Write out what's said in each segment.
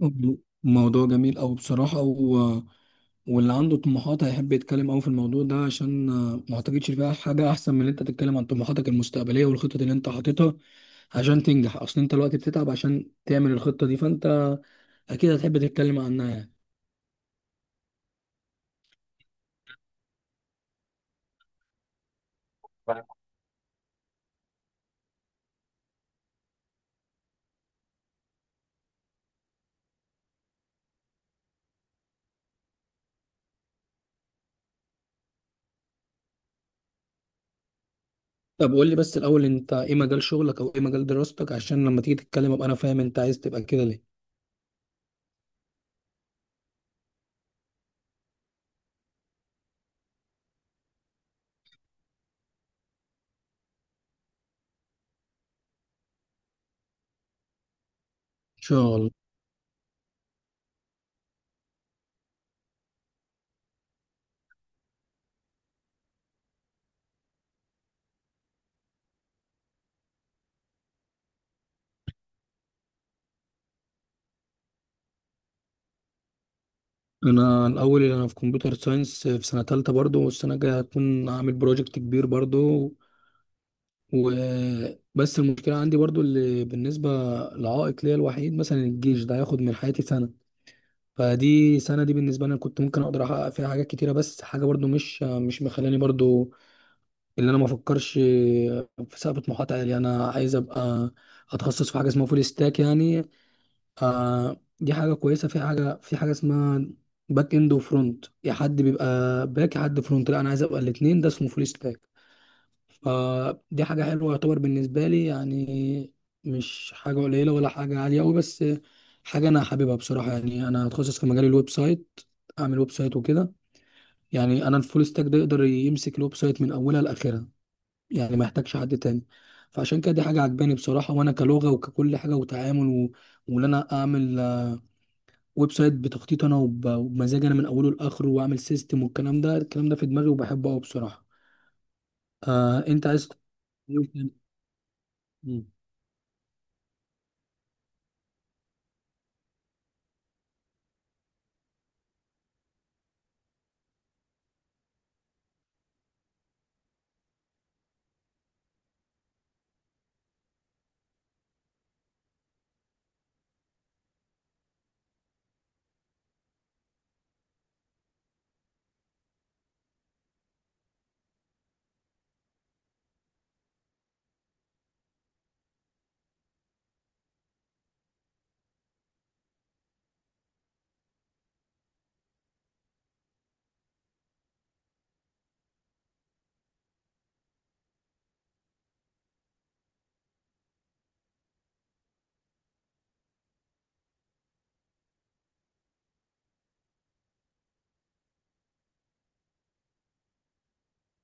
مم. موضوع جميل أوي بصراحة واللي عنده طموحات هيحب يتكلم أوي في الموضوع ده عشان ما أعتقدش فيها حاجة أحسن من إن أنت تتكلم عن طموحاتك المستقبلية والخطط اللي أنت حاططها عشان تنجح. أصل أنت دلوقتي بتتعب عشان تعمل الخطة دي، فأنت أكيد هتحب تتكلم عنها يعني. طب قول لي بس الأول، أنت إيه مجال شغلك أو إيه مجال دراستك؟ عشان لما تيجي تتكلم أبقى أنا فاهم أنت عايز تبقى كده ليه. إن شاء الله. أنا الأول أنا في كمبيوتر ساينس في سنة تالتة برضو، والسنة الجاية هكون عامل بروجكت كبير برضو. وبس المشكلة عندي برضو اللي بالنسبة لعائق ليا الوحيد مثلا الجيش ده هياخد من حياتي سنة، فدي سنة دي بالنسبة لي أنا كنت ممكن أقدر أحقق فيها حاجات كتيرة. بس حاجة برضو مش مخلاني برضو اللي أنا ما أفكرش في سقف طموحات عالية. أنا عايز أبقى أتخصص في حاجة اسمها فول ستاك يعني. دي حاجة كويسة. في حاجة في حاجة اسمها باك إند وفرونت، يا حد بيبقى باك يا حد فرونت، لا أنا عايز أبقى الاتنين، ده اسمه فول ستاك. فدي حاجة حلوة يعتبر بالنسبة لي يعني، مش حاجة قليلة ولا حاجة عالية أوي، بس حاجة أنا حاببها بصراحة. يعني أنا هتخصص في مجال الويب سايت، أعمل ويب سايت وكده. يعني أنا الفول ستاك ده يقدر يمسك الويب سايت من أولها لآخرها، يعني ما يحتاجش حد تاني. فعشان كده دي حاجة عجباني بصراحة، وأنا كلغة وككل حاجة وتعامل وإن أنا أعمل ويب سايت بتخطيط أنا وبمزاج أنا من أوله لآخره، وأعمل سيستم والكلام ده. الكلام ده في دماغي وبحبه أوي بصراحة. آه أنت عايز. مم.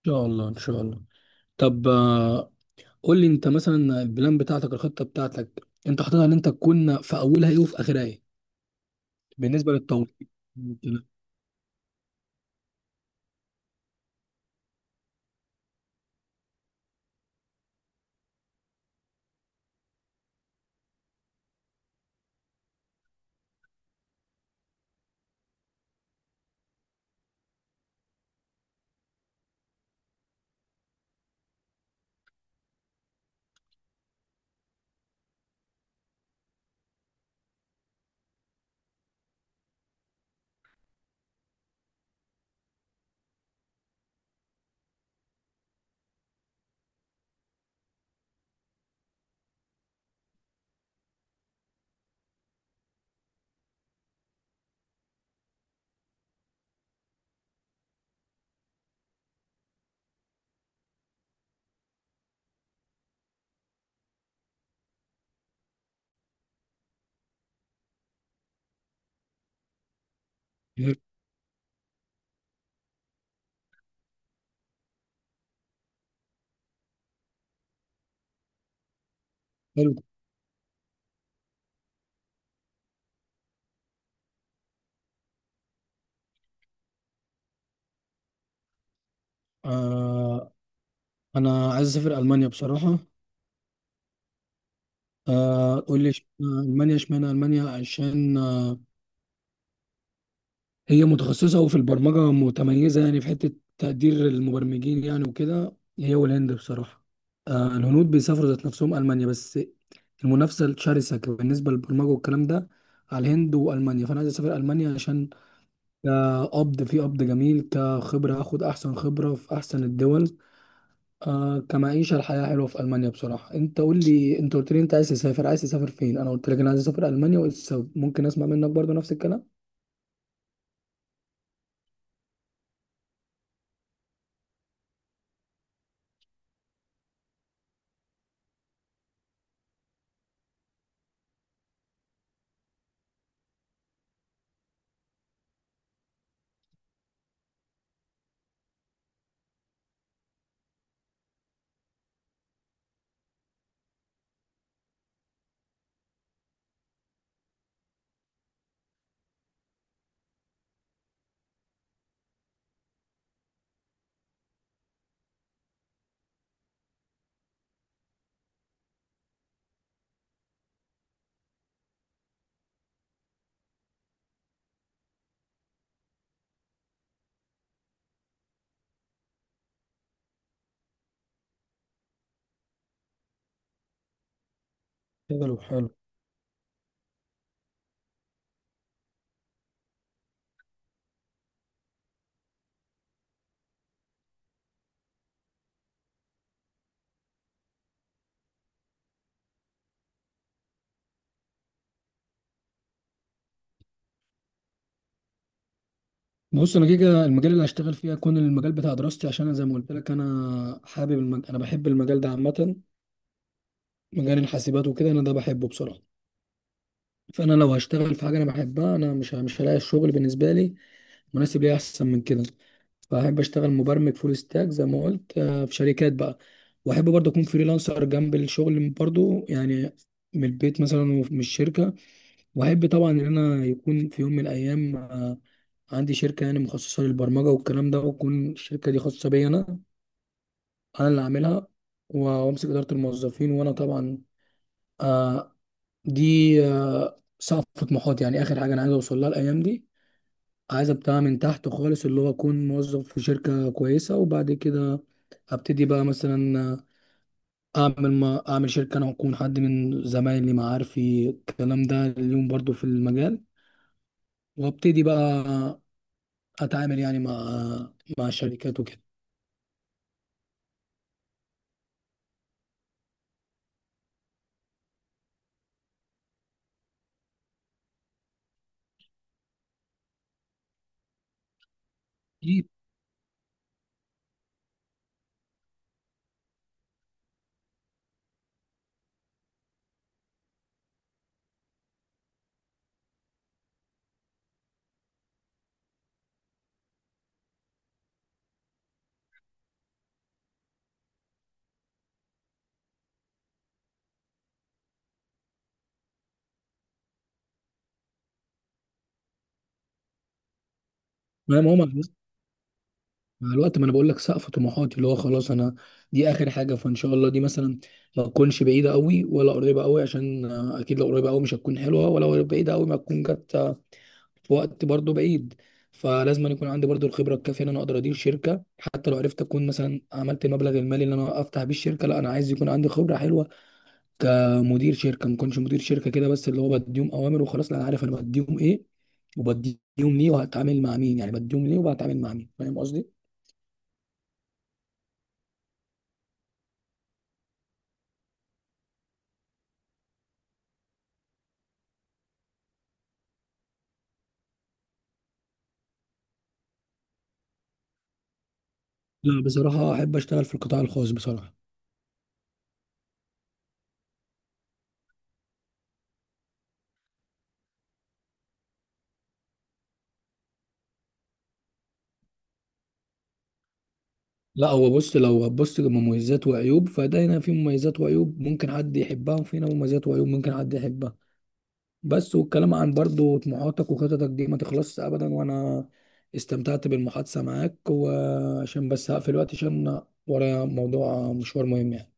إن شاء الله إن شاء الله. طب قول لي أنت مثلا البلان بتاعتك، الخطة بتاعتك أنت حاططها إن أنت تكون في أولها إيه وفي آخرها إيه؟ بالنسبة للتوظيف. حلو. آه أنا عايز أسافر ألمانيا بصراحة. آه قول لي إشمعنى ألمانيا؟ إشمعنى ألمانيا؟ عشان هي متخصصة وفي البرمجة متميزة يعني، في حتة تقدير المبرمجين يعني وكده، هي والهند بصراحة. آه الهنود بيسافروا ذات نفسهم ألمانيا، بس المنافسة الشرسة بالنسبة للبرمجة والكلام ده على الهند وألمانيا. فأنا عايز أسافر ألمانيا عشان كقبض في قبض جميل، كخبرة هاخد أحسن خبرة في أحسن الدول، آه كمعيشة الحياة حلوة في ألمانيا بصراحة. أنت قول لي، أنت قلت لي أنت عايز تسافر، عايز تسافر فين؟ أنا قلت لك أنا عايز أسافر ألمانيا وإيه السبب؟ ممكن أسمع منك برضو نفس الكلام. حلو حلو. بص انا كده كده المجال اللي هشتغل فيه هيكون المجال بتاع دراستي، عشان انا زي ما قلت لك انا حابب انا بحب المجال ده عامه، مجال الحاسبات وكده، انا ده بحبه بصراحه. فانا لو هشتغل في حاجه انا بحبها انا مش هلاقي الشغل بالنسبه لي مناسب ليا احسن من كده. فاحب اشتغل مبرمج فول ستاك زي ما قلت، في شركات بقى. واحب برضه اكون فريلانسر جنب الشغل برضه يعني، من البيت مثلا ومن الشركه. واحب طبعا ان انا يكون في يوم من الايام عندي شركه يعني مخصصه للبرمجه والكلام ده، وتكون الشركه دي خاصه بيا انا، انا اللي عاملها، وامسك اداره الموظفين. وانا طبعا آه، دي سقف طموحاتي يعني، اخر حاجه انا عايز اوصل لها الايام دي. عايز ابتدي من تحت خالص، اللي هو اكون موظف في شركه كويسه، وبعد كده ابتدي بقى مثلا اعمل ما اعمل شركه انا واكون حد من زمايلي معارفي الكلام ده اليوم برضو في المجال، وابتدي بقى اتعامل يعني مع مع شركات وكده. اكيد. ما ما هو مع الوقت، مع الوقت ما انا بقول لك سقف طموحاتي اللي هو خلاص انا، دي اخر حاجه. فان شاء الله دي مثلا ما تكونش بعيده قوي ولا قريبه قوي، عشان اكيد لو قريبه قوي مش هتكون حلوه، ولا بعيده قوي ما تكون جت في وقت برضو بعيد. فلازم أن يكون عندي برضو الخبره الكافيه ان انا اقدر ادير شركه، حتى لو عرفت اكون مثلا عملت المبلغ المالي اللي انا افتح بيه الشركه، لا انا عايز يكون عندي خبره حلوه كمدير شركه. ما كنتش مدير شركه كده بس اللي هو بديهم اوامر وخلاص، لا انا عارف انا بديهم ايه وبديهم ليه وهتعامل مع مين، يعني بديهم ليه وبتعامل مع مين، فاهم قصدي؟ لا بصراحه احب اشتغل في القطاع الخاص بصراحه. لا هو بص، لو هتبص لمميزات وعيوب، فده هنا في مميزات وعيوب ممكن حد يحبها، وفي هنا مميزات وعيوب ممكن حد يحبها. بس والكلام عن برضو طموحاتك وخططك دي ما تخلصش ابدا، وانا استمتعت بالمحادثه معاك، وعشان بس هقفل الوقت عشان ورايا موضوع مشوار مهم يعني.